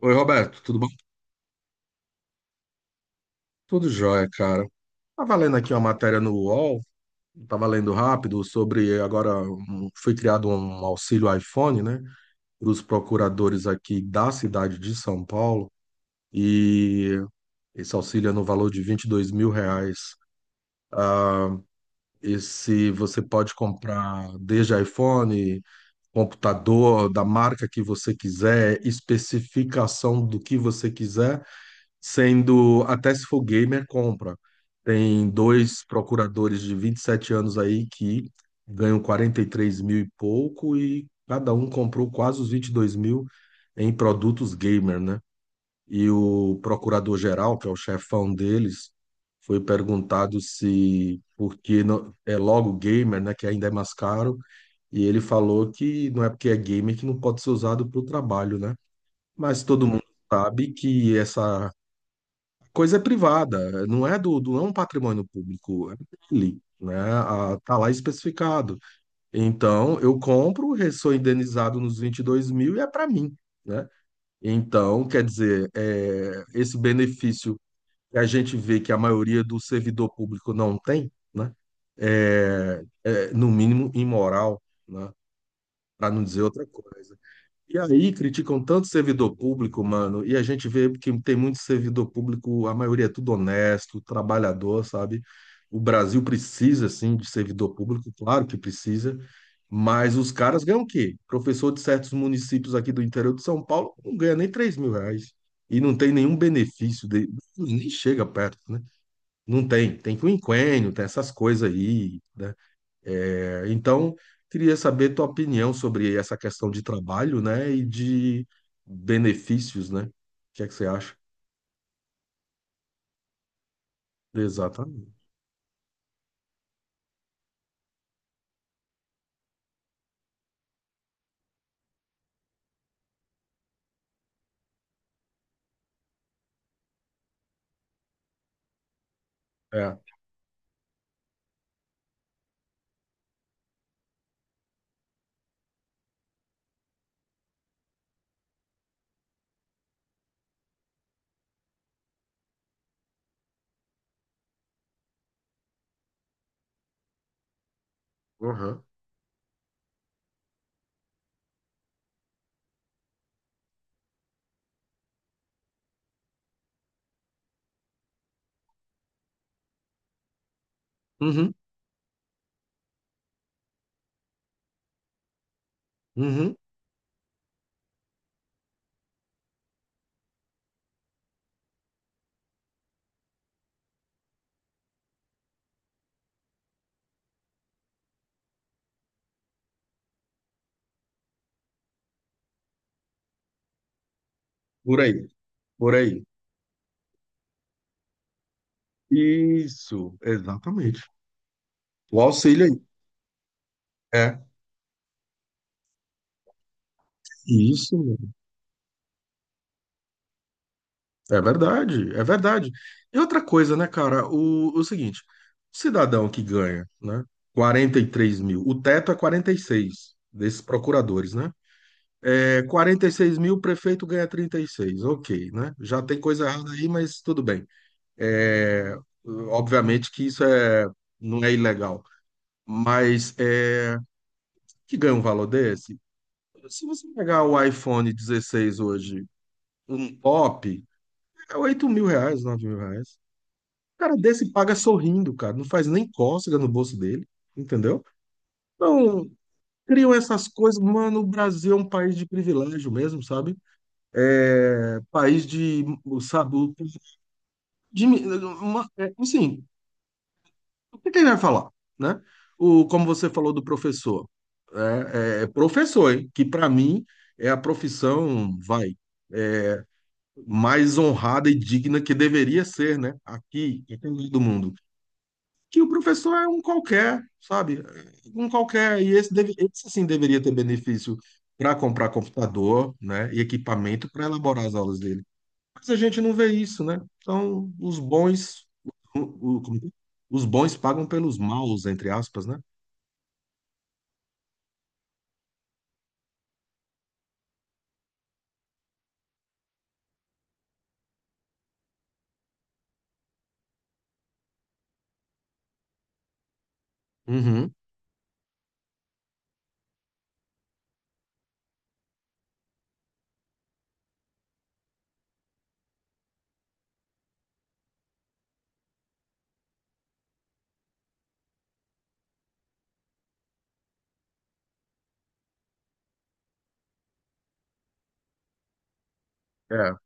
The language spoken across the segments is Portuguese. Oi, Roberto, tudo bom? Tudo jóia, cara. Tava lendo aqui uma matéria no UOL, tava lendo rápido sobre agora foi criado um auxílio iPhone, né, para os procuradores aqui da cidade de São Paulo e esse auxílio é no valor de 22 mil reais. Ah, esse você pode comprar desde iPhone, computador da marca que você quiser, especificação do que você quiser sendo até se for gamer, compra. Tem dois procuradores de 27 anos aí que ganham 43 mil e pouco e cada um comprou quase os 22 mil em produtos gamer, né? E o procurador-geral, que é o chefão deles, foi perguntado se porque não, é logo gamer, né, que ainda é mais caro, e ele falou que não é porque é gamer que não pode ser usado para o trabalho, né? Mas todo mundo sabe que essa coisa é privada, não é do, do não é um patrimônio público, é dele, né? Ah, tá lá especificado. Então, eu compro, sou indenizado nos 22 mil e é para mim, né? Então, quer dizer, esse benefício que a gente vê que a maioria do servidor público não tem, né? É, no mínimo imoral, né? Para não dizer outra coisa. E aí criticam tanto servidor público, mano, e a gente vê que tem muito servidor público, a maioria é tudo honesto, trabalhador, sabe? O Brasil precisa, sim, de servidor público, claro que precisa, mas os caras ganham o quê? Professor de certos municípios aqui do interior de São Paulo não ganha nem 3 mil reais e não tem nenhum benefício, nem chega perto, né? Não tem, tem quinquênio, tem essas coisas aí, né? Então, queria saber tua opinião sobre essa questão de trabalho, né, e de benefícios, né? O que é que você acha? Exatamente. É. Uhum. Uhum. Uhum. Por aí, por aí. Isso, exatamente. O auxílio aí. É. Isso, meu. É verdade, é verdade. E outra coisa, né, cara? O seguinte, o cidadão que ganha, né? 43 mil, o teto é 46 desses procuradores, né? É 46 mil, o prefeito ganha 36. Ok, né? Já tem coisa errada aí, mas tudo bem. É, obviamente que isso não é ilegal. Mas que ganha um valor desse? Se você pegar o iPhone 16 hoje, um top, é 8 mil reais, 9 mil reais. O cara desse paga sorrindo, cara. Não faz nem cócega no bolso dele, entendeu? Então, criam essas coisas. Mano, o Brasil é um país de privilégio mesmo, sabe? País de, sabe, de, uma, assim, o que que ele vai falar, né? O, como você falou do professor, professor, hein? Que para mim é a profissão, vai, é, mais honrada e digna que deveria ser, né? Aqui, em todo do mundo. Que o professor é um qualquer, sabe? Um qualquer. E esse sim deveria ter benefício para comprar computador, né? E equipamento para elaborar as aulas dele. Mas a gente não vê isso, né? Então, os bons, como é que é? Os bons pagam pelos maus, entre aspas, né? Uhum. É,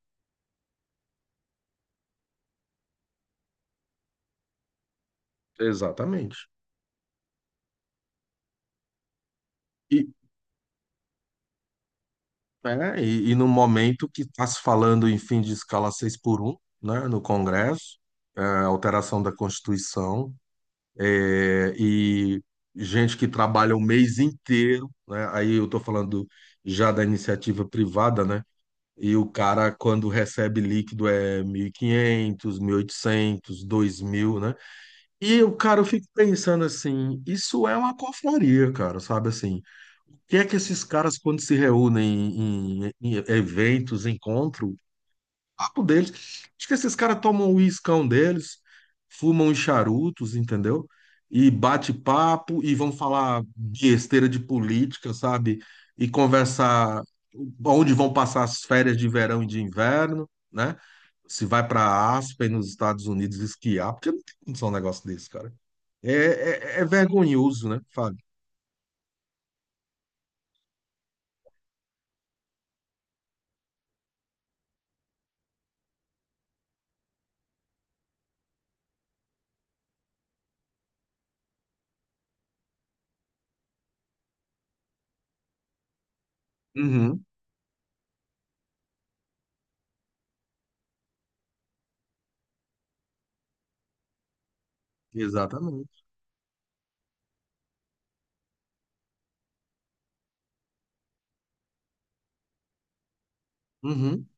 exatamente. E, e no momento que está se falando em fim de escala 6x1, né, no Congresso, alteração da Constituição, e gente que trabalha o mês inteiro, né, aí eu estou falando já da iniciativa privada, né? E o cara, quando recebe líquido, é mil mil e quinhentos mil e oitocentos dois mil, né? E o cara, eu fico pensando assim, isso é uma confraria, cara, sabe assim? O que é que esses caras, quando se reúnem em eventos, encontros, papo deles. Acho que esses caras tomam o iscão deles, fumam os charutos, entendeu? E bate papo e vão falar besteira de política, sabe? E conversar onde vão passar as férias de verão e de inverno, né? Se vai para Aspen, nos Estados Unidos, esquiar, porque não tem condição um negócio desse, cara. É vergonhoso, né, Fábio? Uhum, exatamente. Uhum.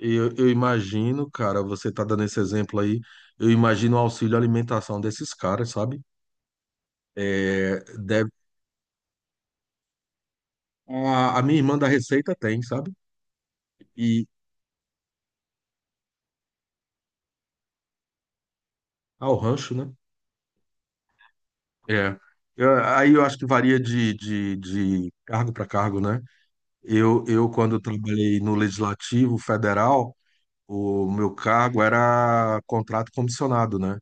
Eu imagino, cara, você tá dando esse exemplo aí, eu imagino o auxílio alimentação desses caras, sabe? É, deve, a minha irmã da Receita tem, sabe? E ao rancho, né? É. Aí eu acho que varia de cargo para cargo, né? Quando trabalhei no Legislativo Federal, o meu cargo era contrato comissionado, né?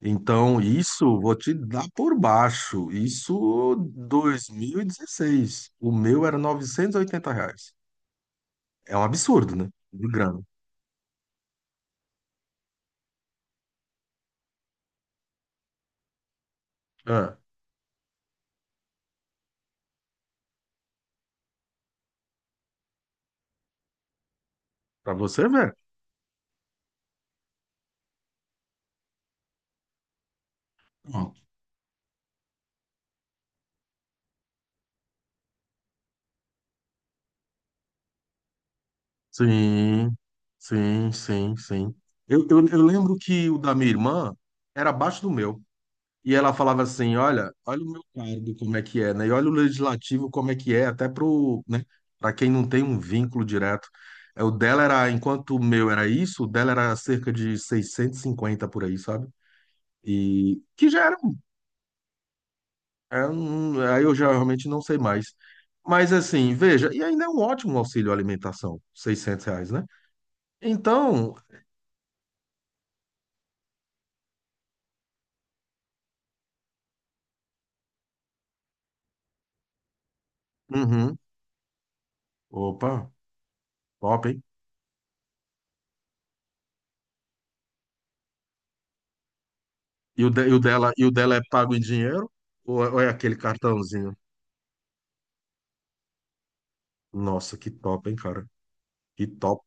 Então, isso vou te dar por baixo. Isso 2016. O meu era 980 reais. É um absurdo, né? De grana. É, pra você ver. Pronto. Sim, sim, sim, sim. Eu lembro que o da minha irmã era abaixo do meu. E ela falava assim: olha, o meu cargo como é que é, né? E olha o legislativo como é que é, até pro, né? Para quem não tem um vínculo direto. O dela era, enquanto o meu era isso, o dela era cerca de 650 por aí, sabe? E que já era, aí eu já realmente não sei mais. Mas assim, veja, e ainda é um ótimo auxílio alimentação, 600 reais, né? Então, uhum, opa, top, hein? E o dela é pago em dinheiro? Ou é aquele cartãozinho? Nossa, que top, hein, cara? Que top.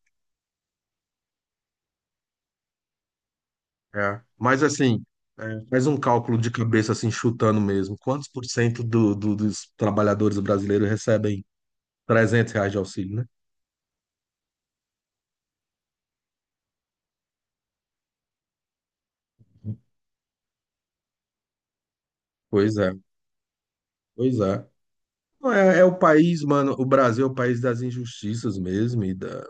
É. Mas assim, faz um cálculo de cabeça, assim, chutando mesmo. Quantos por cento do, dos trabalhadores brasileiros recebem 300 reais de auxílio, né? Pois é, pois é. Não, é o país, mano, o Brasil é o país das injustiças mesmo e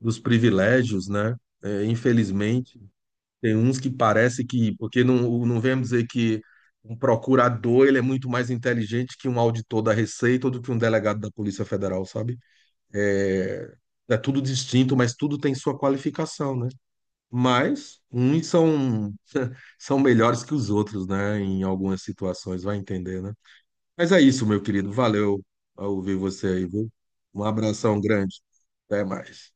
dos privilégios, né? Infelizmente, tem uns que parece que, porque não, não vemos dizer que um procurador, ele é muito mais inteligente que um auditor da Receita ou do que um delegado da Polícia Federal, sabe? É, é tudo distinto, mas tudo tem sua qualificação, né? Mas uns são, são melhores que os outros, né? Em algumas situações, vai entender, né? Mas é isso, meu querido. Valeu ao ouvir você aí, viu? Um abração grande. Até mais.